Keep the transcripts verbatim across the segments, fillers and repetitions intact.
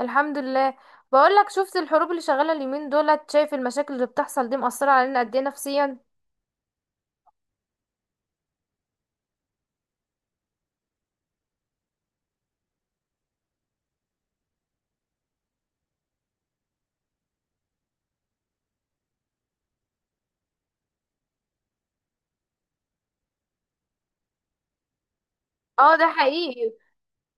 الحمد لله. بقولك، شفت الحروب اللي شغالة اليومين دولت؟ شايف المشاكل اللي بتحصل دي مأثرة علينا قد ايه نفسيا؟ اه، ده حقيقي.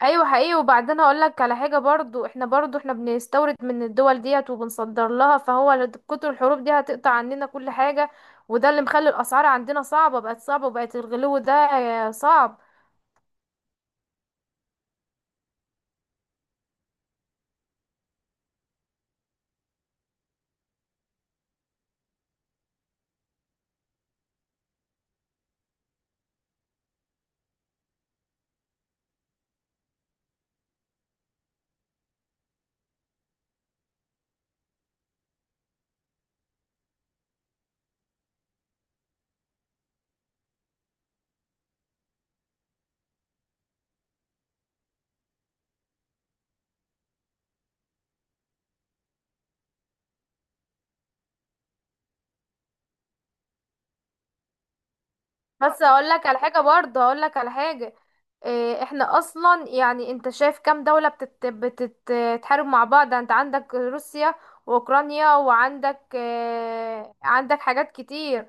ايوه حقيقي. وبعدين هقولك على حاجة برضو، احنا برضو احنا بنستورد من الدول ديت وبنصدر لها، فهو لد- كتر الحروب دي هتقطع عننا كل حاجة. وده اللي مخلي الأسعار عندنا صعبة، بقت صعبة، وبقت الغلو ده صعب. بس هقول لك على حاجه برضه هقول لك على حاجه. إيه، احنا اصلا يعني، انت شايف كام دوله بتت... بتت- بتتحارب مع بعض؟ انت عندك روسيا واوكرانيا، وعندك إيه، عندك حاجات كتير.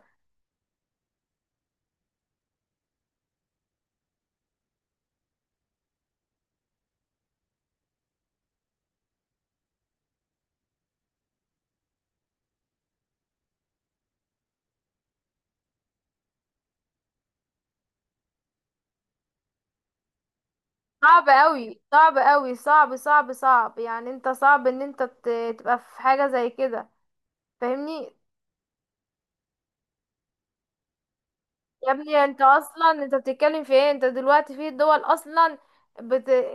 صعب قوي، صعب قوي، صعب صعب صعب. يعني انت صعب ان انت ت- تبقى في حاجه زي كده، فاهمني؟ يا ابني انت اصلا، انت بتتكلم في ايه؟ انت دلوقتي في دول اصلا بت... اي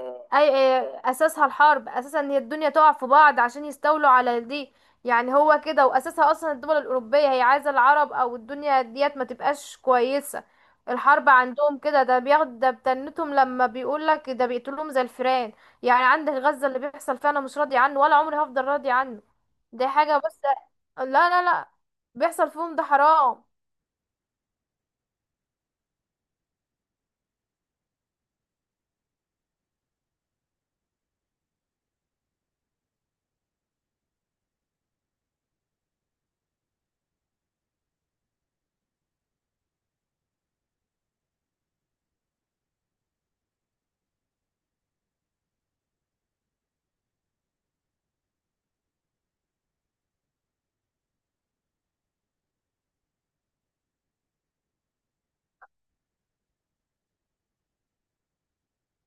اي- اساسها الحرب. اساسا ان هي الدنيا تقع في بعض عشان يستولوا على دي. يعني هو كده، واساسها اصلا الدول الاوروبيه هي عايزه العرب او الدنيا ديت ما تبقاش كويسه. الحرب عندهم كده، ده بياخد، ده بتنتهم. لما بيقول لك ده، بيقتلهم زي الفئران. يعني عندك غزه، اللي بيحصل فيها انا مش راضي عنه، ولا عمري هفضل راضي عنه. دي حاجه بس. لا لا لا، بيحصل فيهم ده حرام.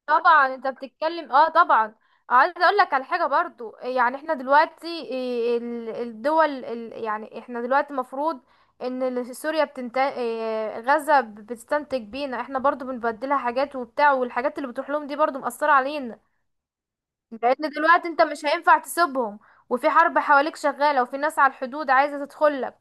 طبعا انت بتتكلم، اه طبعا. عايزه اقول لك على حاجه برضو، يعني احنا دلوقتي ايه ال- الدول ال- يعني احنا دلوقتي المفروض ان ال- سوريا بتنتج، غزه بتستنتج بينا، احنا برضو بنبدلها حاجات وبتاع، والحاجات اللي بتروح لهم دي برضو مأثره علينا. لان دلوقتي انت مش هينفع تسيبهم، وفي حرب حواليك شغالة، وفي ناس على الحدود عايزة تدخلك.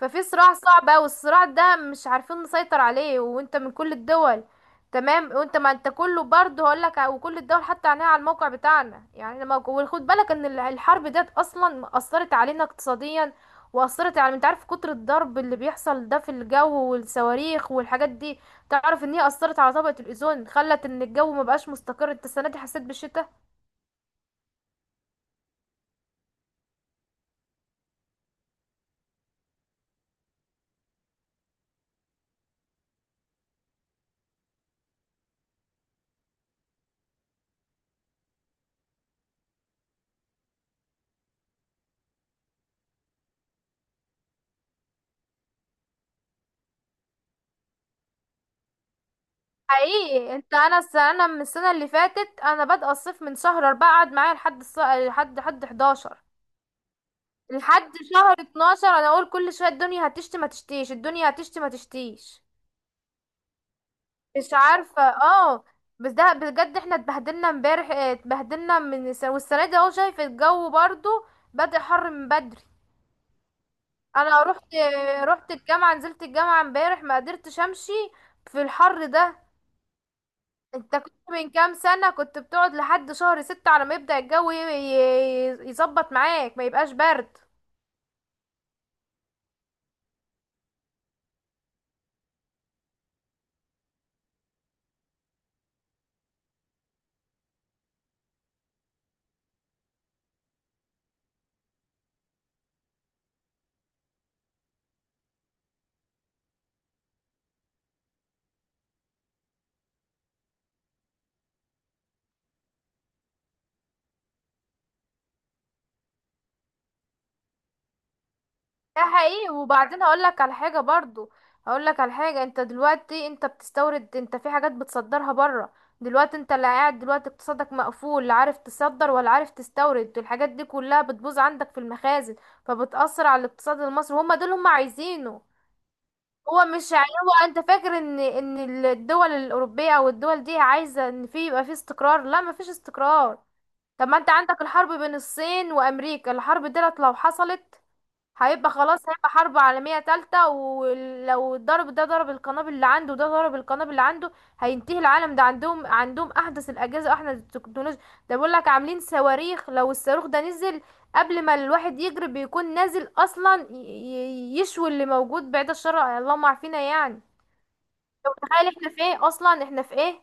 ففي صراع صعب اوي، الصراع ده مش عارفين نسيطر عليه، وانت من كل الدول. تمام؟ وانت ما انت كله برضه، هقولك، وكل الدول حتى عينيها على الموقع بتاعنا. يعني لما وخد بالك ان ال- الحرب ديت اصلا اثرت علينا اقتصاديا، واثرت على، انت عارف، كتر الضرب اللي بيحصل ده في الجو، والصواريخ والحاجات دي. تعرف ان هي اثرت على طبقة الاوزون، خلت ان الجو ما بقاش مستقر. انت السنة دي حسيت بالشتاء؟ حقيقي. انت، انا الس- انا من السنه اللي فاتت، انا بادئه الصيف من شهر اربعة، قعد معايا لحد الص... لحد حد حداشر، لحد شهر اتناشر. انا اقول كل شويه الدنيا هتشتي ما تشتيش، الدنيا هتشتي ما تشتيش. مش عارفه، اه. بس ده بجد احنا اتبهدلنا امبارح، اه، اتبهدلنا من الس- والسنه دي اهو، شايف الجو برضو بدأ حر من بدري. انا رحت، رحت الجامعه، نزلت الجامعه امبارح، ما قدرتش امشي في الحر ده. انت كنت من كام سنة كنت بتقعد لحد شهر ستة على ما يبدأ الجو ي- ي- يظبط معاك، ما يبقاش برد. ده حقيقي. وبعدين هقول لك على حاجة برضو هقول لك على حاجة. انت دلوقتي انت بتستورد، انت في حاجات بتصدرها بره. دلوقتي انت اللي قاعد، دلوقتي اقتصادك مقفول، لا عارف تصدر ولا عارف تستورد، الحاجات دي كلها بتبوظ عندك في المخازن. فبتأثر على الاقتصاد المصري. هما دول هما عايزينه. هو مش يعني، هو انت فاكر ان ان الدول الاوروبيه او الدول دي عايزه ان في يبقى في استقرار؟ لا، مفيش استقرار. طب ما انت عندك الحرب بين الصين وامريكا، الحرب ديت لو حصلت، هيبقى خلاص، هيبقى حرب عالمية تالتة. ولو ضرب، ده ضرب القنابل اللي عنده، ده ضرب القنابل اللي عنده، هينتهي العالم. ده عندهم عندهم أحدث الأجهزة وأحدث التكنولوجيا. ده بيقول لك عاملين صواريخ، لو الصاروخ ده نزل، قبل ما الواحد يجري بيكون نازل أصلا، ي- ي- يشوي اللي موجود، بعيد الشر، اللهم عافينا يعني. تخيل احنا في ايه أصلا، احنا في ايه.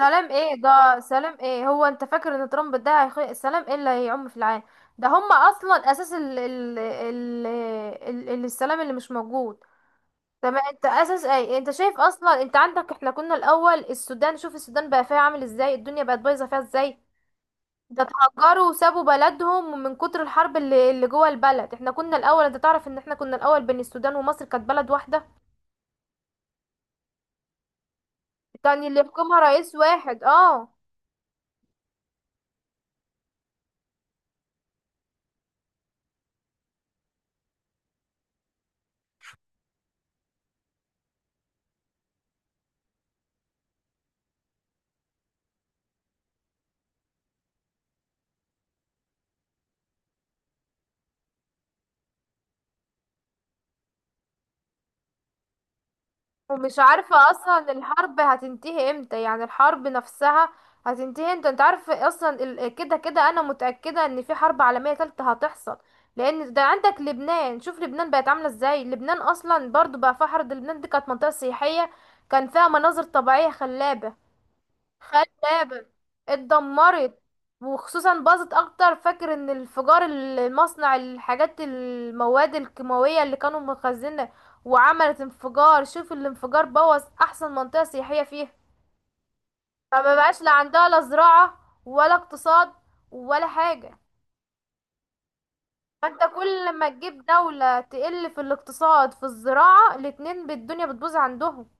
سلام ايه ده؟ سلام ايه؟ هو انت فاكر ان ترامب ده هيخ... سلام ايه اللي هيعم في العالم؟ ده هم اصلا اساس ال... ال... ال... ال... ال... السلام اللي مش موجود. تمام؟ انت اساس ايه؟ انت شايف اصلا، انت عندك، احنا كنا الاول السودان، شوف السودان بقى فيها عامل ازاي، الدنيا بقت بايظه فيها ازاي. ده اتهجروا وسابوا بلدهم من كتر الحرب اللي, اللي جوه البلد. احنا كنا الاول، انت تعرف ان احنا كنا الاول بين السودان ومصر كانت بلد واحده؟ يعني اللي يحكمها رئيس واحد، اه. ومش عارفة اصلا الحرب هتنتهي امتى، يعني الحرب نفسها هتنتهي امتى. انت عارف اصلا ال- كده كده انا متأكدة ان في حرب عالمية تالتة هتحصل. لان ده عندك لبنان، شوف لبنان بقت عاملة ازاي، لبنان اصلا برضو بقى فيها حرب. لبنان دي كانت منطقة سياحية، كان فيها مناظر طبيعية خلابة، خد بالك، اتدمرت. وخصوصا باظت اكتر، فاكر ان الانفجار المصنع، الحاجات المواد الكيماوية اللي كانوا مخزنة وعملت انفجار، شوف الانفجار بوظ احسن منطقة سياحية فيها. فما بقاش لا عندها لا زراعة، ولا اقتصاد، ولا حاجة. فانت كل لما تجيب دولة تقل في الاقتصاد في الزراعة، الاتنين بالدنيا بتبوظ عندهم.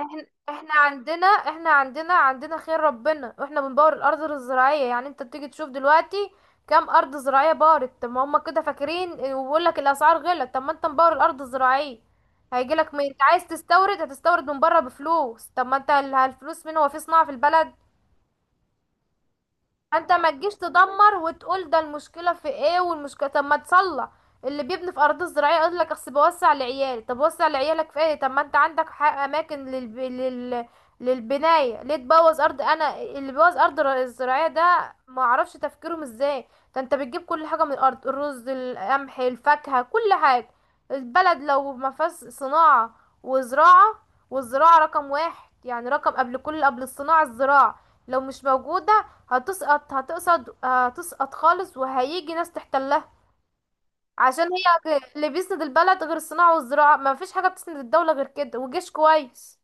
احنا احنا عندنا احنا عندنا عندنا خير ربنا، واحنا بنبور الارض الزراعيه. يعني انت بتيجي تشوف دلوقتي كام ارض زراعيه بارت؟ طب ما هم كده فاكرين، اه، وبيقول لك الاسعار غلت. طب ما انت مبور الارض الزراعيه، هيجي لك، عايز تستورد، هتستورد من بره بفلوس. طب ما انت، ال- الفلوس مين؟ هو في صناعه في البلد؟ انت ما تجيش تدمر وتقول ده المشكله في ايه، والمشكله، طب ما تصلح. اللي بيبني في ارض زراعيه يقول لك، اصل بوسع لعيالي، طب وسع لعيالك في ايه؟ طب ما انت عندك حق اماكن للب... لل... للبنايه، ليه تبوظ ارض؟ انا اللي بيبوظ ارض ر- الزراعيه ده ما اعرفش تفكيرهم ازاي. ده انت بتجيب كل حاجه من الارض، الرز، القمح، الفاكهه، كل حاجه. البلد لو ما فيهاش صناعه وزراعه، والزراعه رقم واحد يعني، رقم، قبل كل، قبل الصناعه الزراعه، لو مش موجودة، هتسقط، هتقصد، هتسقط خالص، وهيجي ناس تحتلها. عشان هي غ- اللي بيسند البلد غير الصناعة والزراعة، ما فيش حاجة بتسند الدولة غير كده، وجيش كويس.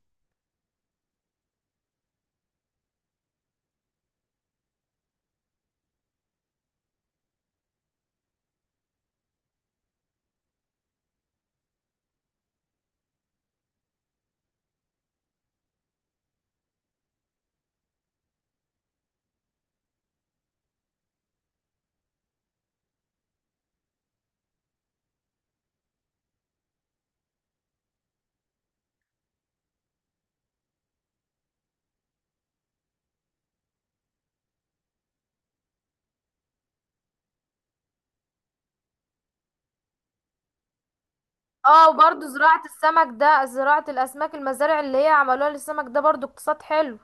اه، وبرضو زراعة السمك، ده زراعة الأسماك، المزارع اللي هي عملوها للسمك ده برضو اقتصاد حلو.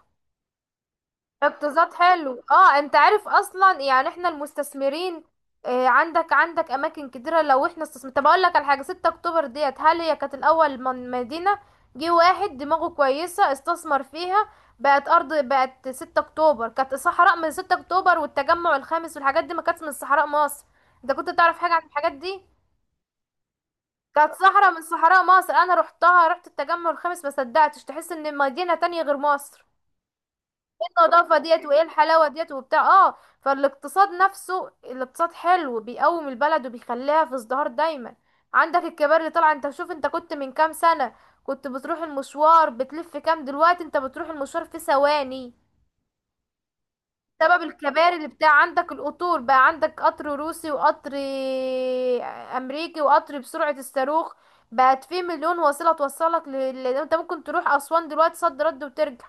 اقتصاد حلو، اه. انت عارف اصلا يعني، احنا المستثمرين، آه، عندك عندك اماكن كتيره. لو احنا استثمر، طب اقول لك على حاجه، ستة اكتوبر ديت، هل هي كانت الاول من مدينه؟ جه واحد دماغه كويسه استثمر فيها، بقت ارض. بقت ستة اكتوبر كانت صحراء، من ستة اكتوبر والتجمع الخامس والحاجات دي، ما كانتش من صحراء مصر؟ انت كنت تعرف حاجه عن الحاجات دي؟ كانت صحراء، من صحراء مصر. انا رحتها، رحت التجمع الخامس، ما صدقتش، تحس ان مدينه تانية غير مصر. النظافة ديت، وايه الحلاوة ديت، وبتاع، اه. فالاقتصاد نفسه، الاقتصاد حلو بيقوم البلد وبيخليها في ازدهار دايما. عندك الكبار اللي طالعه، انت شوف، انت كنت من كام سنة كنت بتروح المشوار بتلف كام، دلوقتي انت بتروح المشوار في ثواني بسبب الكباري اللي بتاع. عندك القطور بقى، عندك قطر روسي، وقطر امريكي، وقطر بسرعة الصاروخ. بقت في مليون وسيلة توصلك ل... ل- انت ممكن تروح اسوان دلوقتي، صد رد وترجع.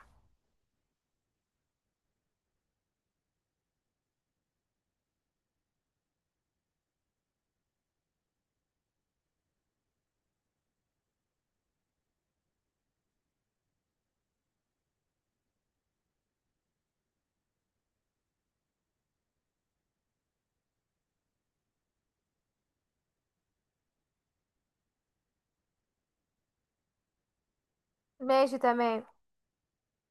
ماشي تمام.